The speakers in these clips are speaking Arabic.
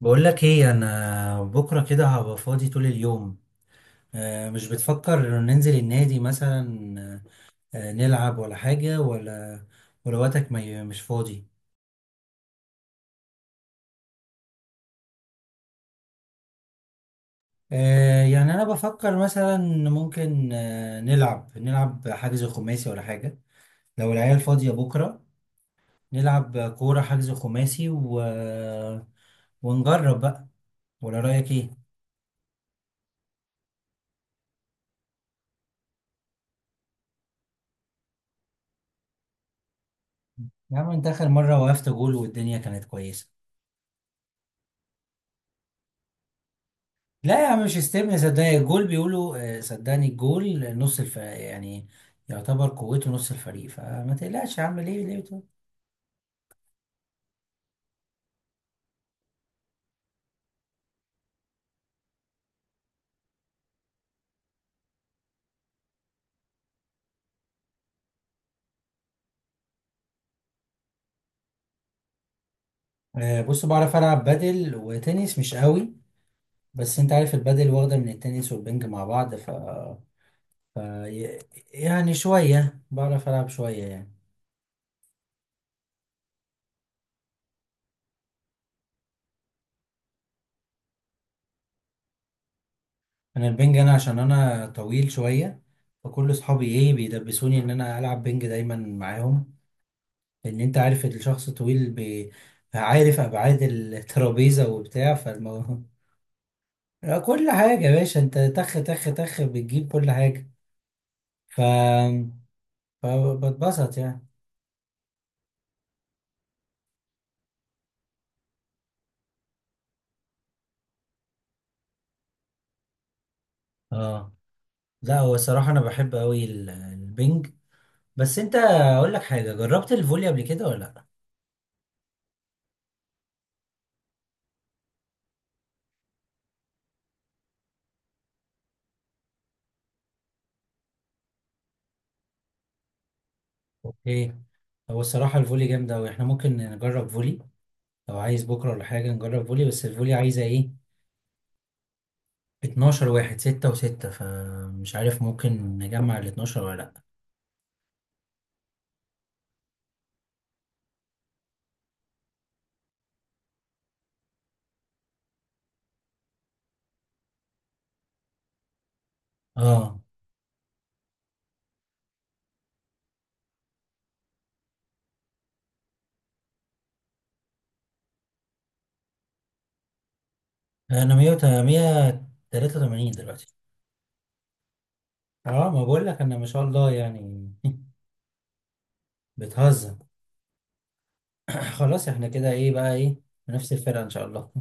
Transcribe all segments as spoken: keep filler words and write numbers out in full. بقول لك ايه، انا بكره كده هبقى فاضي طول اليوم. آه، مش بتفكر ننزل النادي مثلا؟ آه، نلعب ولا حاجه ولا ولا وقتك ما ي- مش فاضي؟ آه، يعني انا بفكر مثلا ممكن، آه، نلعب نلعب حجز خماسي ولا حاجه لو العيال فاضيه بكره. نلعب كوره حجز خماسي و... ونجرب بقى. ولا رايك ايه؟ يا عم انت اخر مره وقفت جول والدنيا كانت كويسه. لا يا عم مش استبن، صدقني الجول بيقولوا آه، صدقني الجول نص الفريق، يعني يعتبر قوته نص الفريق، فما تقلقش يا عم. ليه ليه بتقول؟ آه، بص بعرف العب بادل وتنس مش قوي. بس انت عارف البادل واخده من التنس والبنج مع بعض ف... ف ي- يعني شويه بعرف العب شويه يعني. انا البنج انا عشان انا طويل شويه، فكل اصحابي ايه بيدبسوني ان انا العب بنج دايما معاهم، لان انت عارف الشخص طويل بي... عارف ابعاد الترابيزه وبتاع، فالموضوع لا، كل حاجه يا باشا، انت تخ تخ تخ بتجيب كل حاجه. ف فبتبسط يعني. اه، لا هو الصراحه انا بحب قوي ال- البنج. بس انت اقول لك حاجه، جربت الفولي قبل كده ولا لا؟ اوكي. هو الصراحه الفولي جامده قوي، احنا ممكن نجرب فولي لو عايز بكره ولا حاجه. نجرب فولي بس الفولي عايزه ايه؟ اتناشر واحد، ستة و6، فمش عارف ممكن نجمع ال اتناشر ولا لا. اه انا مية وتلاتة وتمانين دلوقتي. اه ما بقول لك انا، ما شاء الله يعني. بتهزر. خلاص احنا كده ايه بقى، ايه، نفس الفرقه ان شاء الله.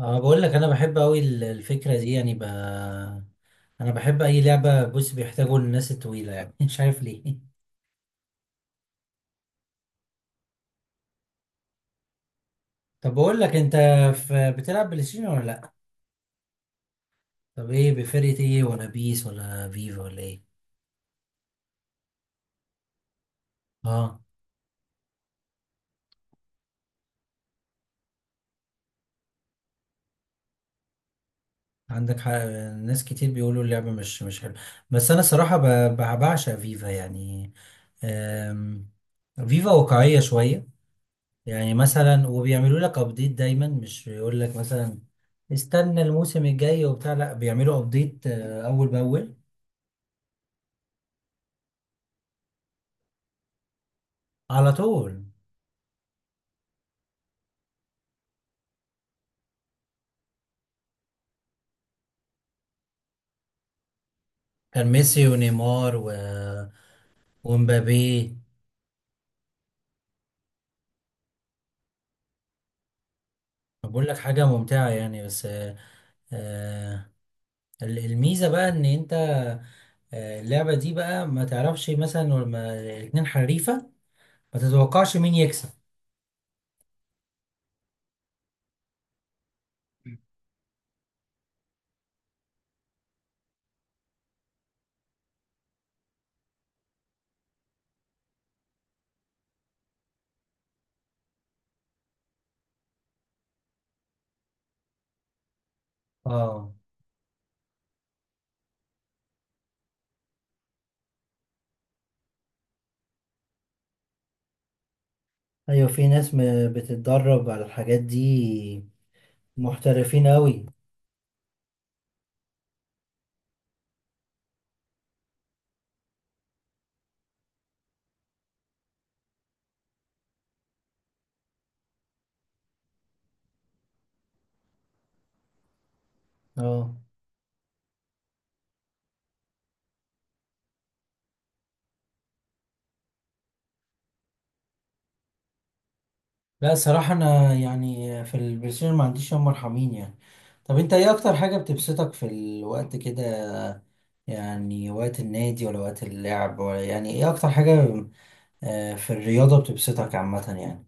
اه، بقول لك انا بحب قوي الفكره دي يعني ب... انا بحب اي لعبه بص بيحتاجوا الناس الطويله يعني. مش عارف ليه. طب بقول لك انت، في... بتلعب بلاي ستيشن ولا لا؟ طب ايه، بفرقه ايه، ولا بيس ولا فيفا ولا ايه؟ اه، عندك حق. ناس كتير بيقولوا اللعبة مش مش حلوة، بس أنا صراحة ب- ب- بعشق فيفا يعني. أم، فيفا واقعية شوية يعني. مثلا وبيعملوا لك أبديت دايما، مش بيقول لك مثلا استنى الموسم الجاي وبتاع، لا بيعملوا أبديت، آه، أول بأول. على طول. كان ميسي ونيمار و... ومبابي. بقول لك حاجة ممتعة يعني بس، آه، آه، الميزة بقى إن أنت، آه، اللعبة دي بقى ما تعرفش مثلا لما الاتنين حريفة ما تتوقعش مين يكسب. اه. ايوه في ناس م- بتتدرب على الحاجات دي، محترفين قوي. اه. لا الصراحة أنا يعني في البلايستيشن ما عنديش يوم مرحمين يعني. طب أنت إيه أكتر حاجة بتبسطك في الوقت كده؟ يعني وقت النادي ولا وقت اللعب، ولا يعني إيه أكتر حاجة، آه، في الرياضة بتبسطك عامة يعني؟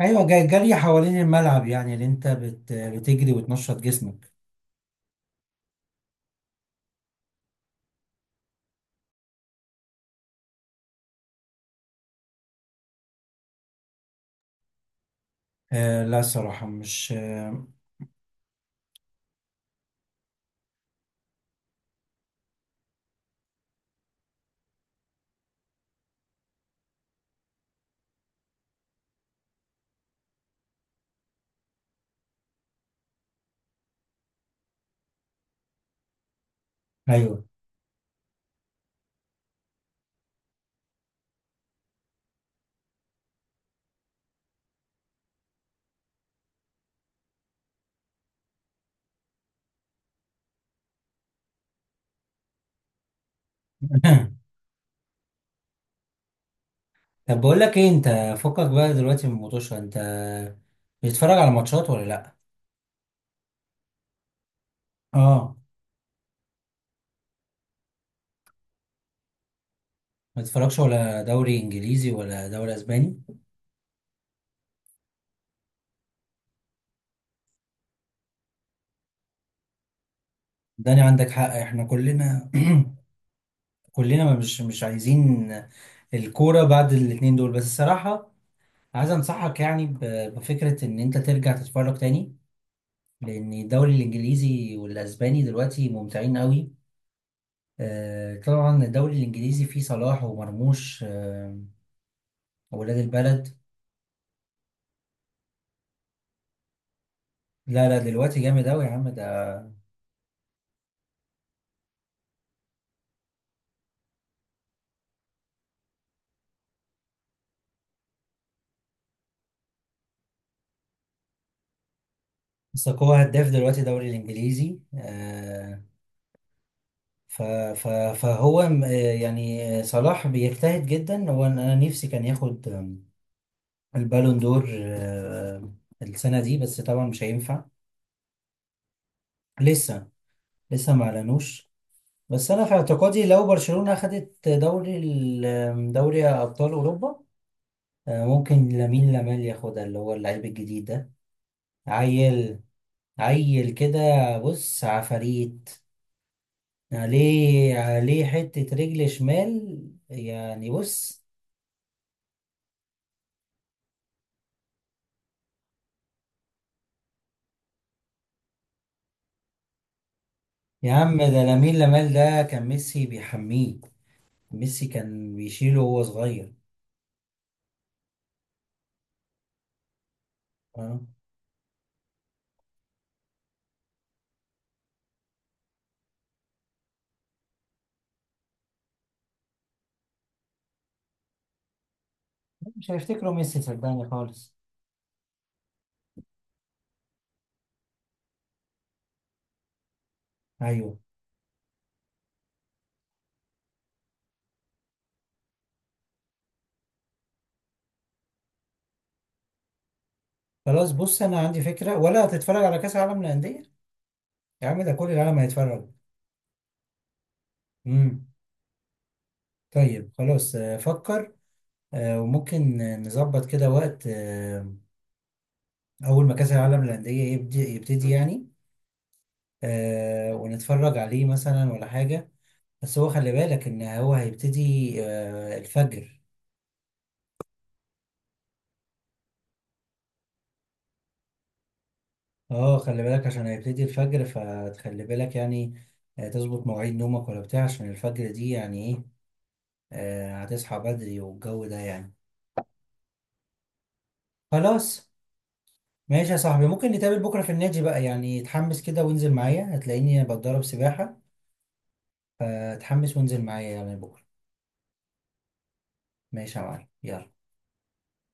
أيوة، جا- جري حوالين الملعب يعني، اللي أنت بت بتجري وتنشط جسمك. آه لا الصراحة مش آه. أيوه. طب بقول لك إيه أنت، فكك بقى دلوقتي من الموتوشة، أنت بتتفرج على ماتشات ولا لأ؟ آه. ما تتفرجش ولا دوري إنجليزي ولا دوري إسباني؟ داني عندك حق، إحنا كلنا، كلنا ما مش مش عايزين الكورة بعد الاتنين دول بس الصراحة. عايز أنصحك يعني ب- بفكرة إن أنت ترجع تتفرج تاني، لأن الدوري الإنجليزي والأسباني دلوقتي ممتعين قوي. آه، طبعا الدوري الانجليزي فيه صلاح ومرموش، آه، وولاد البلد. لا لا دلوقتي جامد اوي يا عم ده. ساكو هداف دلوقتي الدوري الانجليزي، آه، ف ف فهو م- آه، يعني، آه، صلاح بيجتهد جدا هو. انا أنا نفسي كان ياخد، آه، البالون دور، آه، السنه دي، بس طبعا مش هينفع. لسه، لسه ما اعلنوش. بس انا في اعتقادي لو برشلونه اخدت دوري ال- آه، دوري ابطال اوروبا، آه، ممكن لامين يامال ياخدها، اللي هو اللعيب الجديد ده. عيل، عيل كده، بص عفاريت، عليه عليه حتة رجل شمال يعني. بص يا عم، ده لامين يامال ده كان ميسي بيحميه، ميسي كان بيشيله وهو صغير. أه؟ مش هيفتكره ميسي صدقني خالص. ايوه. خلاص بص انا عندي فكرة، ولا هتتفرج على كأس العالم للأندية؟ يا عم ده كل العالم هيتفرج. امم. طيب خلاص، آه، فكر، آه، وممكن نظبط كده وقت، آه، أول ما كأس العالم للأندية يبدي يبتدي يعني، آه، ونتفرج عليه مثلا ولا حاجة. بس هو خلي بالك إن هو هيبتدي، آه، الفجر. اه خلي بالك عشان هيبتدي الفجر، فتخلي بالك يعني، آه، تظبط مواعيد نومك ولا بتاع، عشان الفجر دي يعني ايه، آه، هتصحى بدري والجو ده يعني. خلاص. ماشي يا صاحبي، ممكن نتقابل بكرة في النادي بقى يعني، اتحمس كده وانزل معايا، هتلاقيني بتدرب سباحة، فتحمس وانزل معايا يعني بكرة. ماشي يا معلم، يلا.